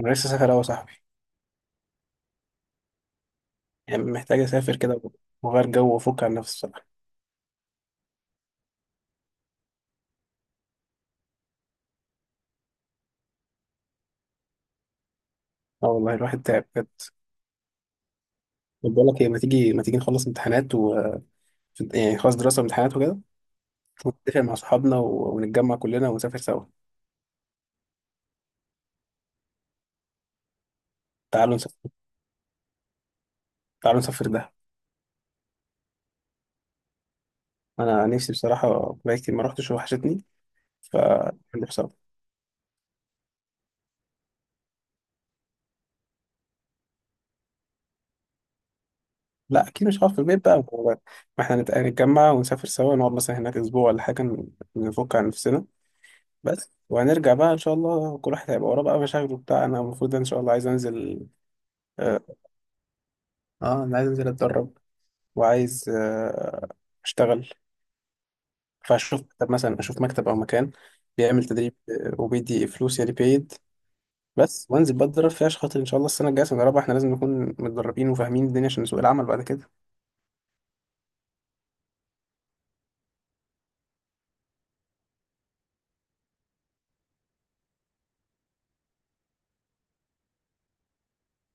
انا لسه سافر اهو يا صاحبي. يعني محتاج اسافر كده واغير جو وافك عن نفسي بصراحه. اه، والله الواحد تعب بجد. طب بقول لك ايه، ما تيجي ما تيجي نخلص امتحانات، و يعني خلاص دراسه وامتحانات وكده، ونتفق مع اصحابنا و ونتجمع كلنا ونسافر سوا. تعالوا نسافر تعالوا نسافر ده. انا نفسي بصراحه، بقالي كتير ما رحتش وحشتني. ف نروح سوا. لا اكيد مش هقعد في البيت بقى. ما احنا نتجمع ونسافر سوا، نقعد مثلا هناك اسبوع ولا حاجه، نفك عن نفسنا. بس وهنرجع بقى ان شاء الله، كل واحد هيبقى وراه بقى مشاغله بتاع. انا المفروض ان شاء الله عايز انزل. اه انا عايز انزل اتدرب، وعايز اشتغل. فاشوف. طب مثلا اشوف مكتب او مكان بيعمل تدريب، وبيدي فلوس، يعني بيد بس. وانزل بقى اتدرب فيها عشان خاطر ان شاء الله السنه الجايه سنه رابعه احنا لازم نكون متدربين وفاهمين الدنيا عشان سوق العمل بعد كده.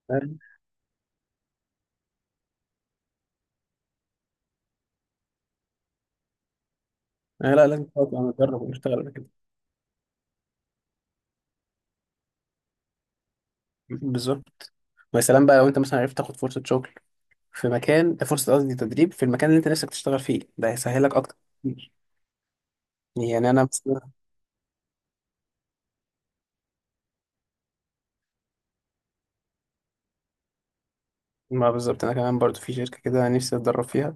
فاهم؟ آه، لا لازم تبقى متدرب ونشتغل بعد كده. بالظبط. ويا سلام بقى لو انت مثلا عرفت تاخد فرصه شغل في مكان، فرصه قصدي تدريب، في المكان اللي انت نفسك تشتغل فيه، ده هيسهلك اكتر. يعني انا مثلا. ما بالظبط، انا كمان برضو في شركه كده نفسي اتدرب فيها،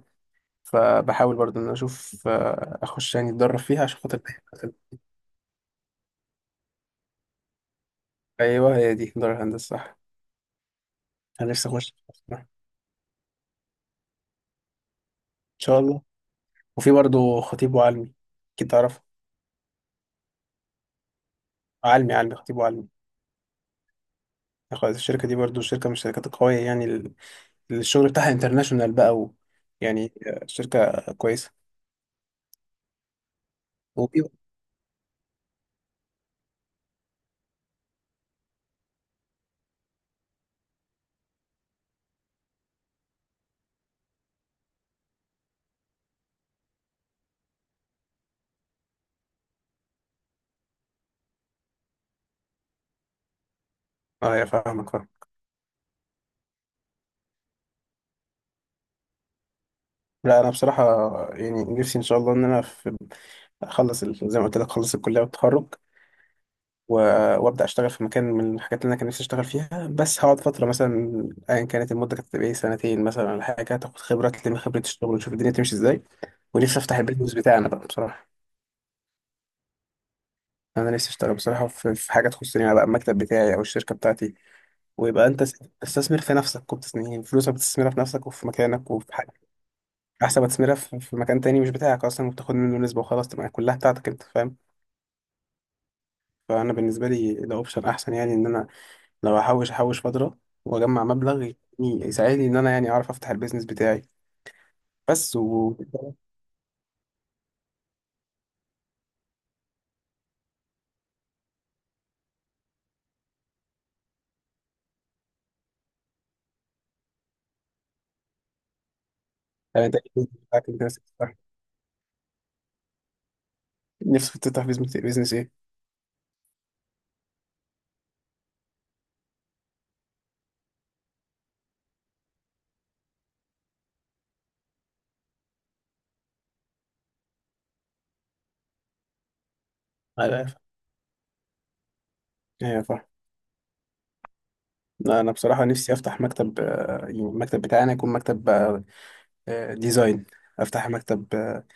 فبحاول برضو ان أنا اشوف، اخش يعني اتدرب فيها عشان خاطر ده. ايوه، هي دي دار الهندسه صح. انا نفسي اخش ان شاء الله. وفي برضو خطيب وعلمي، اكيد تعرف. علمي خطيب وعلمي. يعني خلاص الشركه دي برضو شركه من الشركات القويه، يعني الشغل بتاعها انترناشونال بقى، و يعني شركه كويسه. وفي. اه يا، فاهمك فاهمك. لا انا بصراحه، يعني نفسي ان شاء الله ان انا في، اخلص زي ما قلت لك اخلص الكليه والتخرج، و- وابدا اشتغل في مكان من الحاجات اللي انا كان نفسي اشتغل فيها، بس هقعد فتره مثلا ايا كانت المده كانت تبقى ايه سنتين مثلا ولا حاجه، تاخد خبره، تلم خبره الشغل وتشوف الدنيا تمشي ازاي. ونفسي افتح البيزنس بتاعنا بقى بصراحه. انا نفسي اشتغل بصراحه في حاجه تخصني انا بقى، المكتب بتاعي او الشركه بتاعتي، ويبقى انت تستثمر في نفسك، وبتستثمر فلوسك، بتستثمرها في نفسك وفي مكانك وفي، احسن ما تستثمرها في مكان تاني مش بتاعك اصلا، وبتاخد منه نسبه، وخلاص تبقى كلها بتاعتك انت، فاهم. فانا بالنسبه لي ده اوبشن احسن، يعني ان انا لو هحوش احوش فتره، واجمع مبلغ يساعدني ان انا يعني اعرف افتح البيزنس بتاعي بس و يعني انت إيه البيزنس بتاعك اللي نفسك تفتحه؟ نفسك تفتح بيزنس ايه؟ ايوه، ايوه، فاهم. لا انا بصراحه نفسي افتح مكتب، يعني المكتب بتاعي انا يكون مكتب ديزاين. افتح مكتب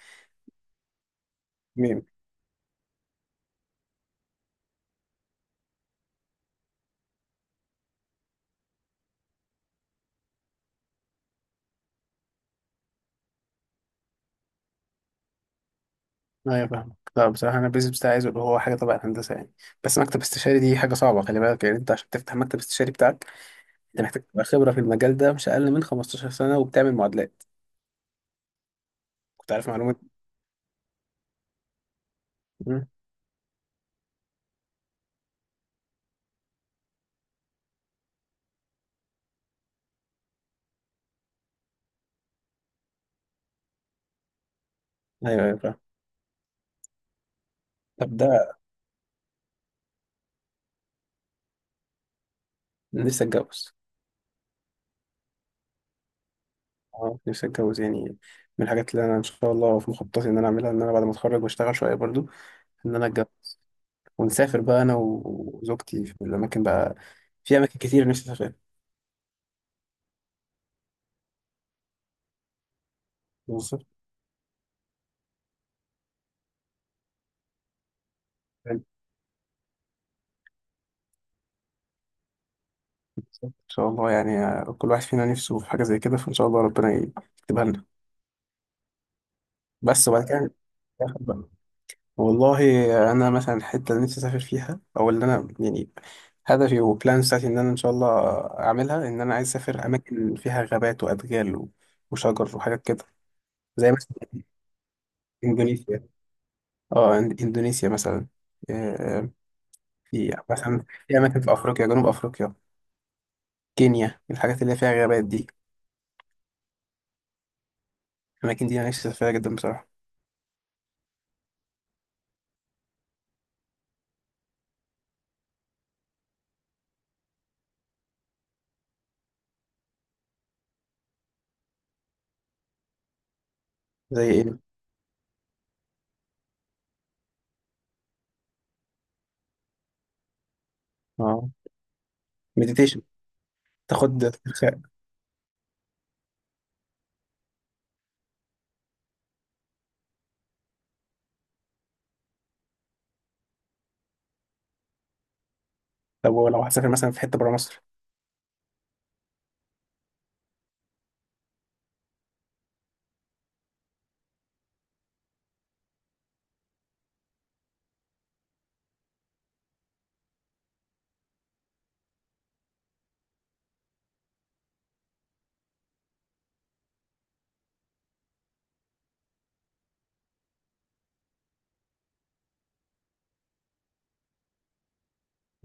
ايوه، فاهمك. لا بصراحه انا البيزنس بتاعي عايزه يبقى هو حاجه تبع الهندسه يعني. بس مكتب استشاري دي حاجه صعبه خلي بالك، يعني انت عشان تفتح مكتب استشاري بتاعك، انت محتاج تبقى خبره في المجال ده مش اقل من 15 سنه وبتعمل معادلات. كنت عارف معلومه. مم. ايوه، ايوه، فاهم. طب ده، أنا نفسي اتجوز. اه، نفسي اتجوز يعني. من الحاجات اللي انا ان شاء الله في مخططي ان انا اعملها، ان انا بعد ما اتخرج واشتغل شويه برضو، ان انا اتجوز، ونسافر بقى انا وزوجتي في الاماكن بقى، في اماكن كتير نفسي اسافرها. بالظبط. ان شاء الله. يعني كل واحد فينا نفسه في حاجه زي كده، فان شاء الله ربنا يكتبها لنا. بس وبعد كده ناخد بقى. والله، انا مثلا الحته اللي نفسي اسافر فيها، او اللي انا يعني هدفي وبلان بتاعتي ان انا ان شاء الله اعملها، ان انا عايز اسافر اماكن فيها غابات وادغال وشجر وحاجات كده. زي مثلا اندونيسيا. اندونيسيا مثلا. آه، في مثلا في اماكن في افريقيا، جنوب افريقيا، كينيا، الحاجات اللي فيها غابات دي، الاماكن دي انا نفسي اسافرها جدا بصراحه. زي ايه؟ اه، مديتيشن، تاخد استرخاء. لو هتسافر مثلا في حته بره مصر.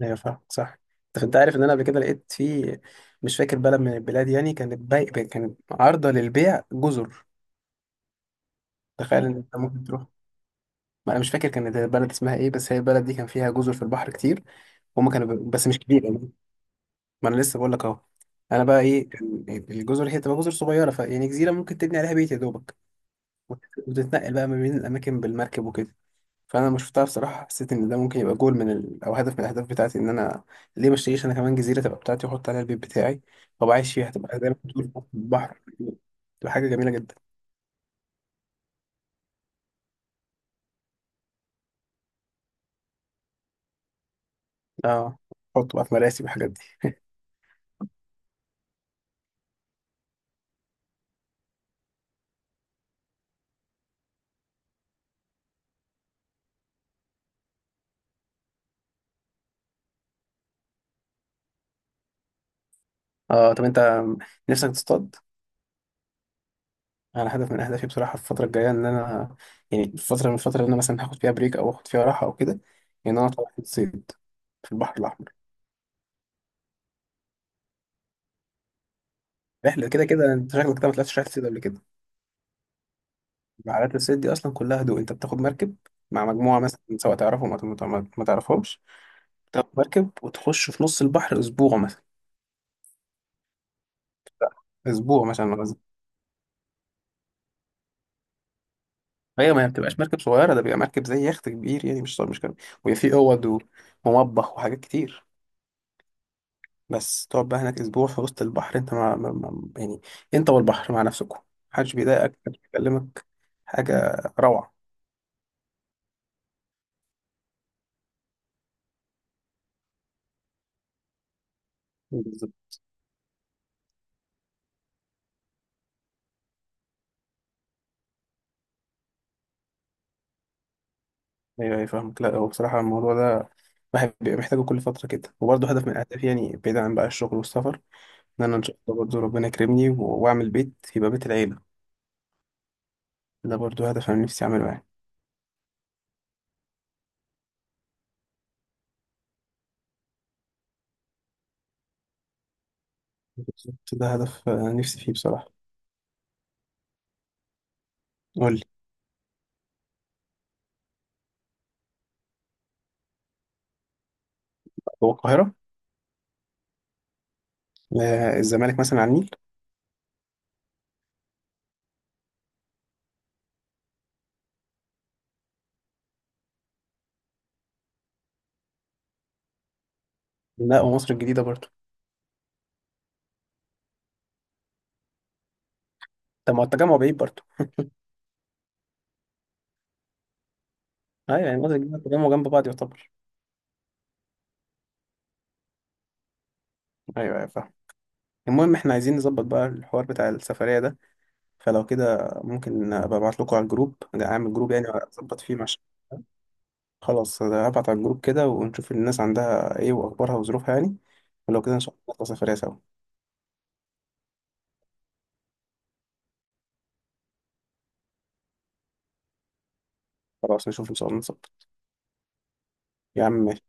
ايوه، فاهم صح. طب انت عارف ان انا قبل كده لقيت في، مش فاكر بلد من البلاد يعني، كانت باي كانت عارضه للبيع جزر. تخيل ان انت ممكن تروح. ما انا مش فاكر كانت البلد اسمها ايه، بس هي البلد دي كان فيها جزر في البحر كتير، هما كانوا بس مش كبيره يعني. ما انا لسه بقول لك اهو. انا بقى ايه، كان الجزر هي تبقى جزر صغيره، فيعني جزيره ممكن تبني عليها بيت يا دوبك، وت- وتتنقل بقى ما بين الاماكن بالمركب وكده. فانا لما شفتها بصراحه حسيت ان ده ممكن يبقى جول او هدف من الاهداف بتاعتي، ان انا ليه ما اشتريش انا كمان جزيره تبقى بتاعتي، واحط عليها البيت بتاعي، وابقى عايش فيها تبقى زي ما أنت بتقول فوق البحر. تبقى حاجه جميله جدا. اه، احط بقى في مراسي والحاجات دي. اه، طب انت نفسك تصطاد. انا هدف من اهدافي بصراحه في الفتره الجايه، ان انا يعني الفتره اللي انا مثلا هاخد فيها بريك او اخد فيها راحه او كده، ان انا اطلع رحله صيد في البحر الاحمر. رحله كده. كده انت شكلك كده ما طلعتش رحله صيد قبل كده. رحلات الصيد دي اصلا كلها هدوء. انت بتاخد مركب مع مجموعه مثلا، سواء تعرفهم او ما تعرفهمش. بتاخد مركب وتخش في نص البحر اسبوع مثلا. اسبوع مثلا غزة. هي ما بتبقاش مركب صغيره، ده بيبقى مركب زي يخت كبير يعني، مش صغير مش كبير، ويبقى فيه اوض ومطبخ وحاجات كتير. بس تقعد بقى هناك اسبوع في وسط البحر، انت يعني انت والبحر مع نفسكم، محدش بيضايقك، محدش بيكلمك. حاجه روعه. ايوه، ايوه، فاهمك. لا هو بصراحه الموضوع ده الواحد بيبقى محتاجه كل فتره كده، وبرضه هدف من اهدافي يعني بعيدا عن بقى الشغل والسفر، ان انا ان شاء الله برضه ربنا يكرمني واعمل بيت، يبقى بيت العيله. ده برضه هدف انا نفسي اعمله يعني. بالظبط، ده هدف نفسي فيه بصراحه. قول لي. هو القاهره. آه، الزمالك مثلا على النيل. لا، ومصر الجديده برضه. طب ما هو التجمع بعيد برضه. ايوه يعني، مصر الجديده التجمع جنب بعض يعتبر. ايوه، ايوه، فاهم. المهم احنا عايزين نظبط بقى الحوار بتاع السفريه ده. فلو كده ممكن ابقى ابعت لكم على الجروب. اعمل جروب يعني اظبط فيه مع. خلاص، أنا هبعت على الجروب كده ونشوف الناس عندها ايه، واخبارها وظروفها يعني. ولو كده ان شاء الله نطلع سفرية سوا. خلاص نشوف ان شاء الله نظبط. يا عم ماشي.